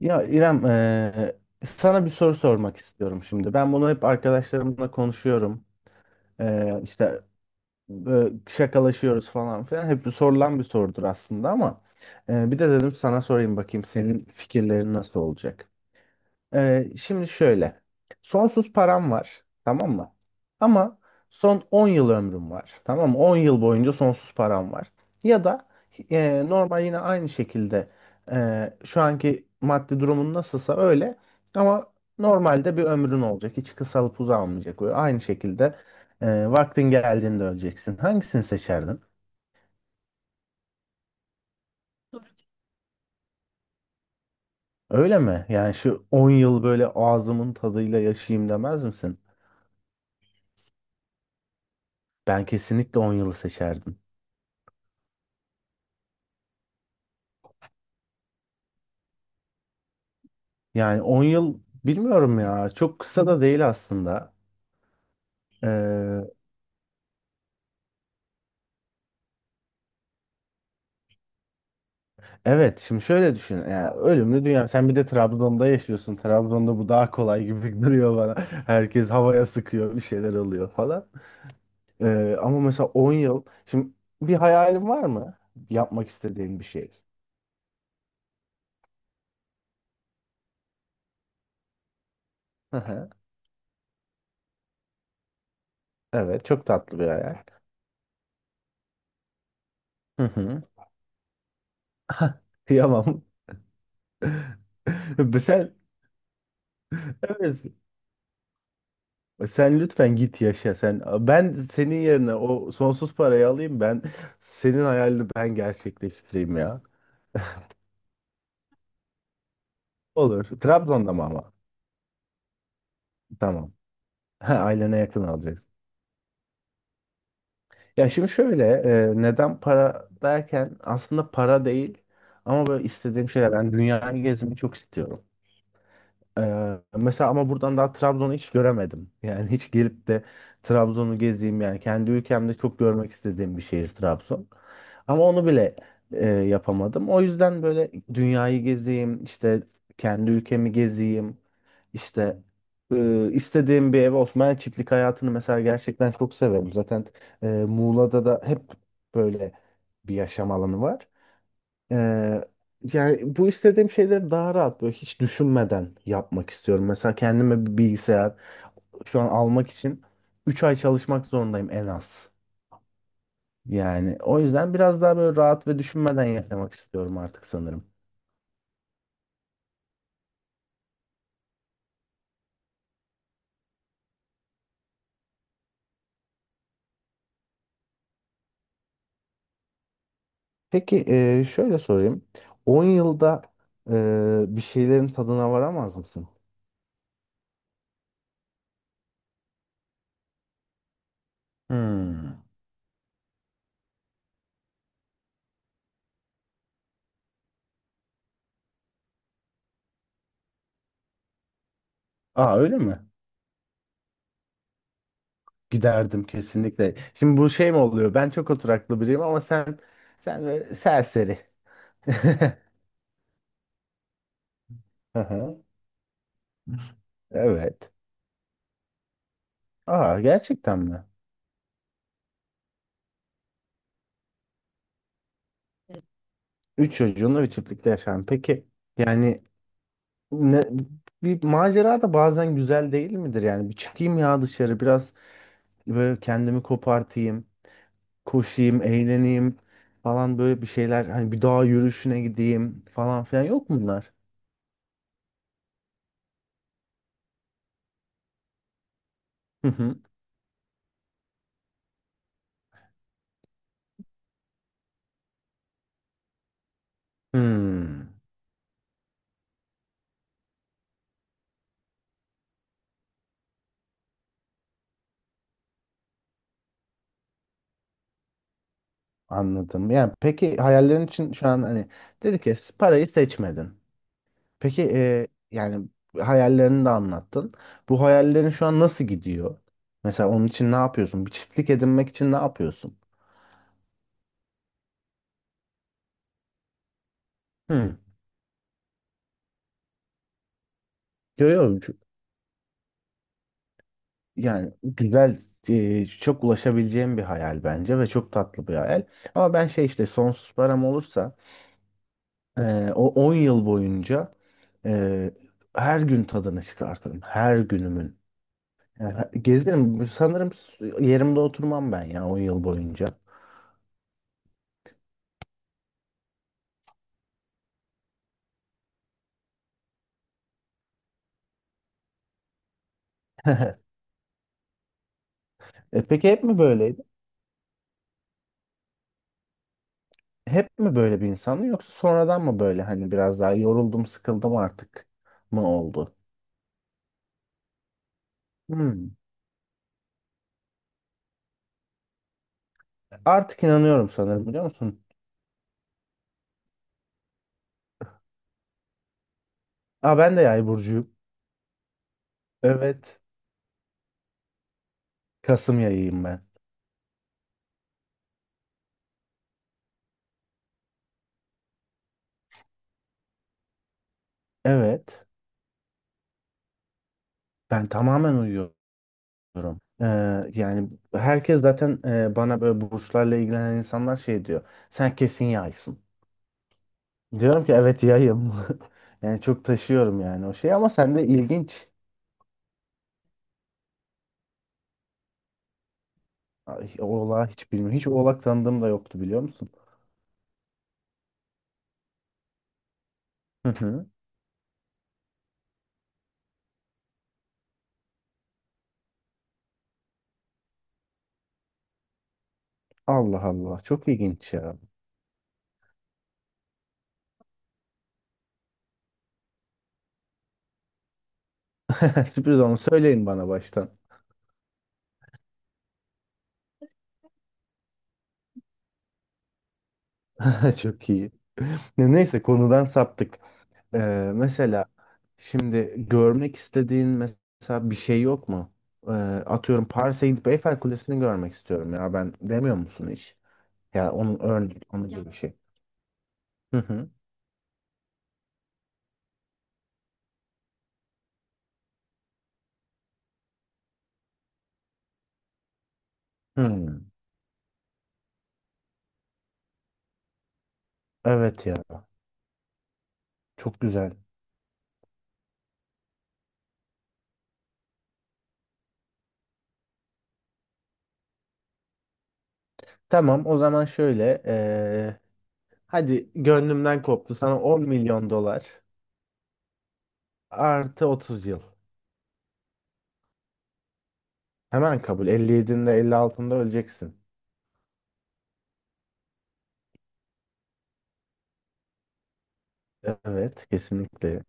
Ya İrem, sana bir soru sormak istiyorum şimdi. Ben bunu hep arkadaşlarımla konuşuyorum. İşte şakalaşıyoruz falan filan. Hep bir sorulan bir sorudur aslında ama bir de dedim sana sorayım bakayım senin fikirlerin nasıl olacak? Şimdi şöyle. Sonsuz param var. Tamam mı? Ama son 10 yıl ömrüm var. Tamam mı? 10 yıl boyunca sonsuz param var. Ya da normal yine aynı şekilde şu anki maddi durumun nasılsa öyle. Ama normalde bir ömrün olacak. Hiç kısalıp uzanmayacak. Böyle aynı şekilde vaktin geldiğinde öleceksin. Hangisini seçerdin? Öyle mi? Yani şu 10 yıl böyle ağzımın tadıyla yaşayayım demez misin? Ben kesinlikle 10 yılı seçerdim. Yani 10 yıl bilmiyorum ya. Çok kısa da değil aslında. Ee, evet şimdi şöyle düşün. Yani ölümlü dünya. Sen bir de Trabzon'da yaşıyorsun. Trabzon'da bu daha kolay gibi duruyor bana. Herkes havaya sıkıyor. Bir şeyler oluyor falan. Ama mesela 10 yıl. Şimdi bir hayalin var mı? Yapmak istediğin bir şey. Hı hı. Evet, çok tatlı bir hayal. Hı hı. Kıyamam. Sen, evet, sen lütfen git yaşa sen. Ben senin yerine o sonsuz parayı alayım, ben senin hayalini ben gerçekleştireyim ya. Olur. Trabzon'da mı ama? Tamam. Ha, ailene yakın alacaksın. Ya şimdi şöyle neden para derken aslında para değil ama böyle istediğim şeyler. Ben dünyayı gezmeyi çok istiyorum. Mesela ama buradan daha Trabzon'u hiç göremedim. Yani hiç gelip de Trabzon'u gezeyim, yani kendi ülkemde çok görmek istediğim bir şehir Trabzon. Ama onu bile yapamadım. O yüzden böyle dünyayı gezeyim, işte kendi ülkemi gezeyim, işte istediğim bir ev, Osmanlı çiftlik hayatını mesela gerçekten çok severim. Zaten Muğla'da da hep böyle bir yaşam alanı var. Ee, yani bu istediğim şeyleri daha rahat, böyle hiç düşünmeden yapmak istiyorum. Mesela kendime bir bilgisayar şu an almak için 3 ay çalışmak zorundayım en az. Yani o yüzden biraz daha böyle rahat ve düşünmeden yaşamak istiyorum artık sanırım. Peki şöyle sorayım. 10 yılda bir şeylerin tadına varamaz mısın? Hmm. Aa, öyle mi? Giderdim kesinlikle. Şimdi bu şey mi oluyor? Ben çok oturaklı biriyim ama sen böyle serseri. Aha, evet. Aa, gerçekten mi? Üç çocuğunla bir çiftlikte yaşam. Peki yani ne, bir macera da bazen güzel değil midir? Yani bir çıkayım ya dışarı, biraz böyle kendimi kopartayım, koşayım, eğleneyim falan, böyle bir şeyler. Hani bir dağ yürüyüşüne gideyim falan filan, yok mu bunlar? Hı hı. Hmm. Anladım. Yani peki hayallerin için şu an hani dedi ki parayı seçmedin. Peki yani hayallerini de anlattın. Bu hayallerin şu an nasıl gidiyor? Mesela onun için ne yapıyorsun? Bir çiftlik edinmek için ne yapıyorsun? Hmm. Görüyorum. Yani güzel, çok ulaşabileceğim bir hayal bence ve çok tatlı bir hayal. Ama ben şey işte sonsuz param olursa o 10 yıl boyunca e, her gün tadını çıkartırım. Her günümün. Ya, gezerim. Sanırım yerimde oturmam ben ya o yıl boyunca. Peki hep mi böyleydi? Hep mi böyle bir insan, yoksa sonradan mı böyle hani biraz daha yoruldum, sıkıldım artık mı oldu? Hmm. Artık inanıyorum sanırım, biliyor musun? Aa, ben de yay burcuyum. Evet. Kasım yayıyım ben. Evet. Ben tamamen uyuyorum. Ee, yani herkes zaten bana, böyle burçlarla ilgilenen insanlar şey diyor. Sen kesin yaysın. Diyorum ki evet, yayım. Yani çok taşıyorum yani o şeyi, ama sende ilginç. Ay, oğlağı hiç bilmiyorum. Hiç oğlak tanıdığım da yoktu, biliyor musun? Hı hı. Allah Allah, çok ilginç ya. Sürpriz, onu söyleyin bana baştan. Çok iyi. Neyse, konudan saptık. Ee, mesela şimdi görmek istediğin mesela bir şey yok mu? Ee, atıyorum Paris'e gidip Eyfel Kulesi'ni görmek istiyorum ya ben, demiyor musun hiç? Ya onun örneği, onun gibi bir şey. Hı hı. Hı. Evet ya. Çok güzel. Tamam, o zaman şöyle. Hadi gönlümden koptu. Sana 10 milyon dolar artı 30 yıl. Hemen kabul. 57'inde 56'ında öleceksin. Evet, kesinlikle.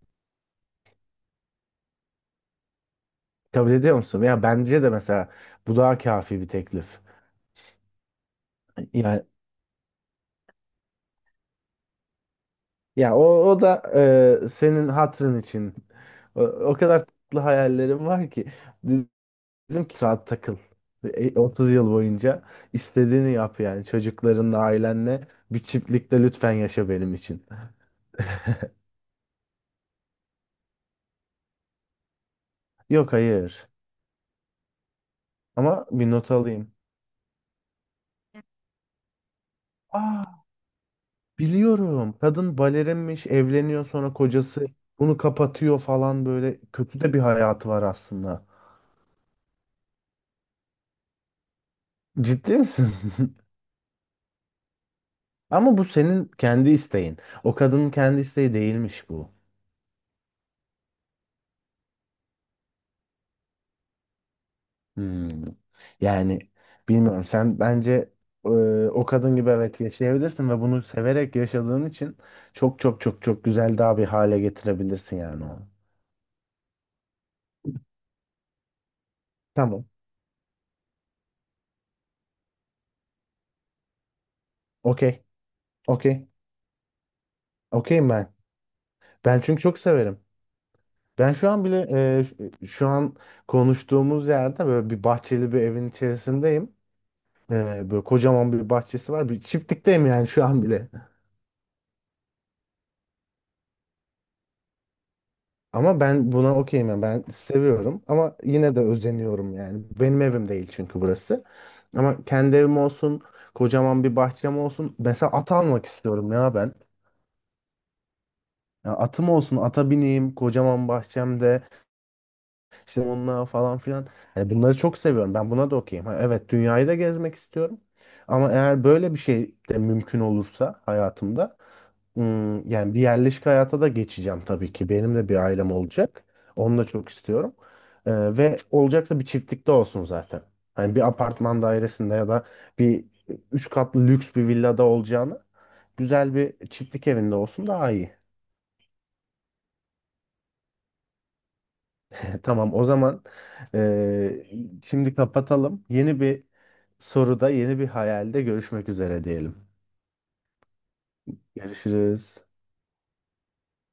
Kabul ediyor musun? Ya bence de mesela bu daha kafi bir teklif. Yani ya o da senin hatırın için. O kadar tatlı hayallerim var ki. Dedim ki rahat takıl. 30 yıl boyunca istediğini yap, yani çocuklarınla, ailenle bir çiftlikte lütfen yaşa benim için. Yok, hayır ama bir not alayım. Aa, biliyorum, kadın balerinmiş, evleniyor, sonra kocası bunu kapatıyor falan, böyle kötü de bir hayatı var aslında. Ciddi misin? Ama bu senin kendi isteğin. O kadının kendi isteği değilmiş bu. Hmm. Yani bilmiyorum, sen bence e, o kadın gibi evet yaşayabilirsin ve bunu severek yaşadığın için çok çok çok çok güzel, daha bir hale getirebilirsin yani onu. Tamam. Okey. Okey. Okeyim ben. Ben çünkü çok severim. Ben şu an bile şu an konuştuğumuz yerde böyle bir bahçeli bir evin içerisindeyim. Böyle kocaman bir bahçesi var. Bir çiftlikteyim yani şu an bile. Ama ben buna okeyim yani. Ben seviyorum ama yine de özeniyorum yani. Benim evim değil çünkü burası. Ama kendi evim olsun, kocaman bir bahçem olsun. Mesela at almak istiyorum ya ben. Ya atım olsun, ata bineyim, kocaman bahçemde. İşte onunla falan filan. Hani bunları çok seviyorum. Ben buna da okeyim. Ha, evet, dünyayı da gezmek istiyorum. Ama eğer böyle bir şey de mümkün olursa hayatımda, yani bir yerleşik hayata da geçeceğim tabii ki. Benim de bir ailem olacak. Onu da çok istiyorum. Ee, ve olacaksa bir çiftlikte olsun zaten. Hani bir apartman dairesinde ya da bir üç katlı lüks bir villada olacağını güzel bir çiftlik evinde olsun daha iyi. Tamam, o zaman ee, şimdi kapatalım. Yeni bir soruda, yeni bir hayalde görüşmek üzere diyelim. Görüşürüz.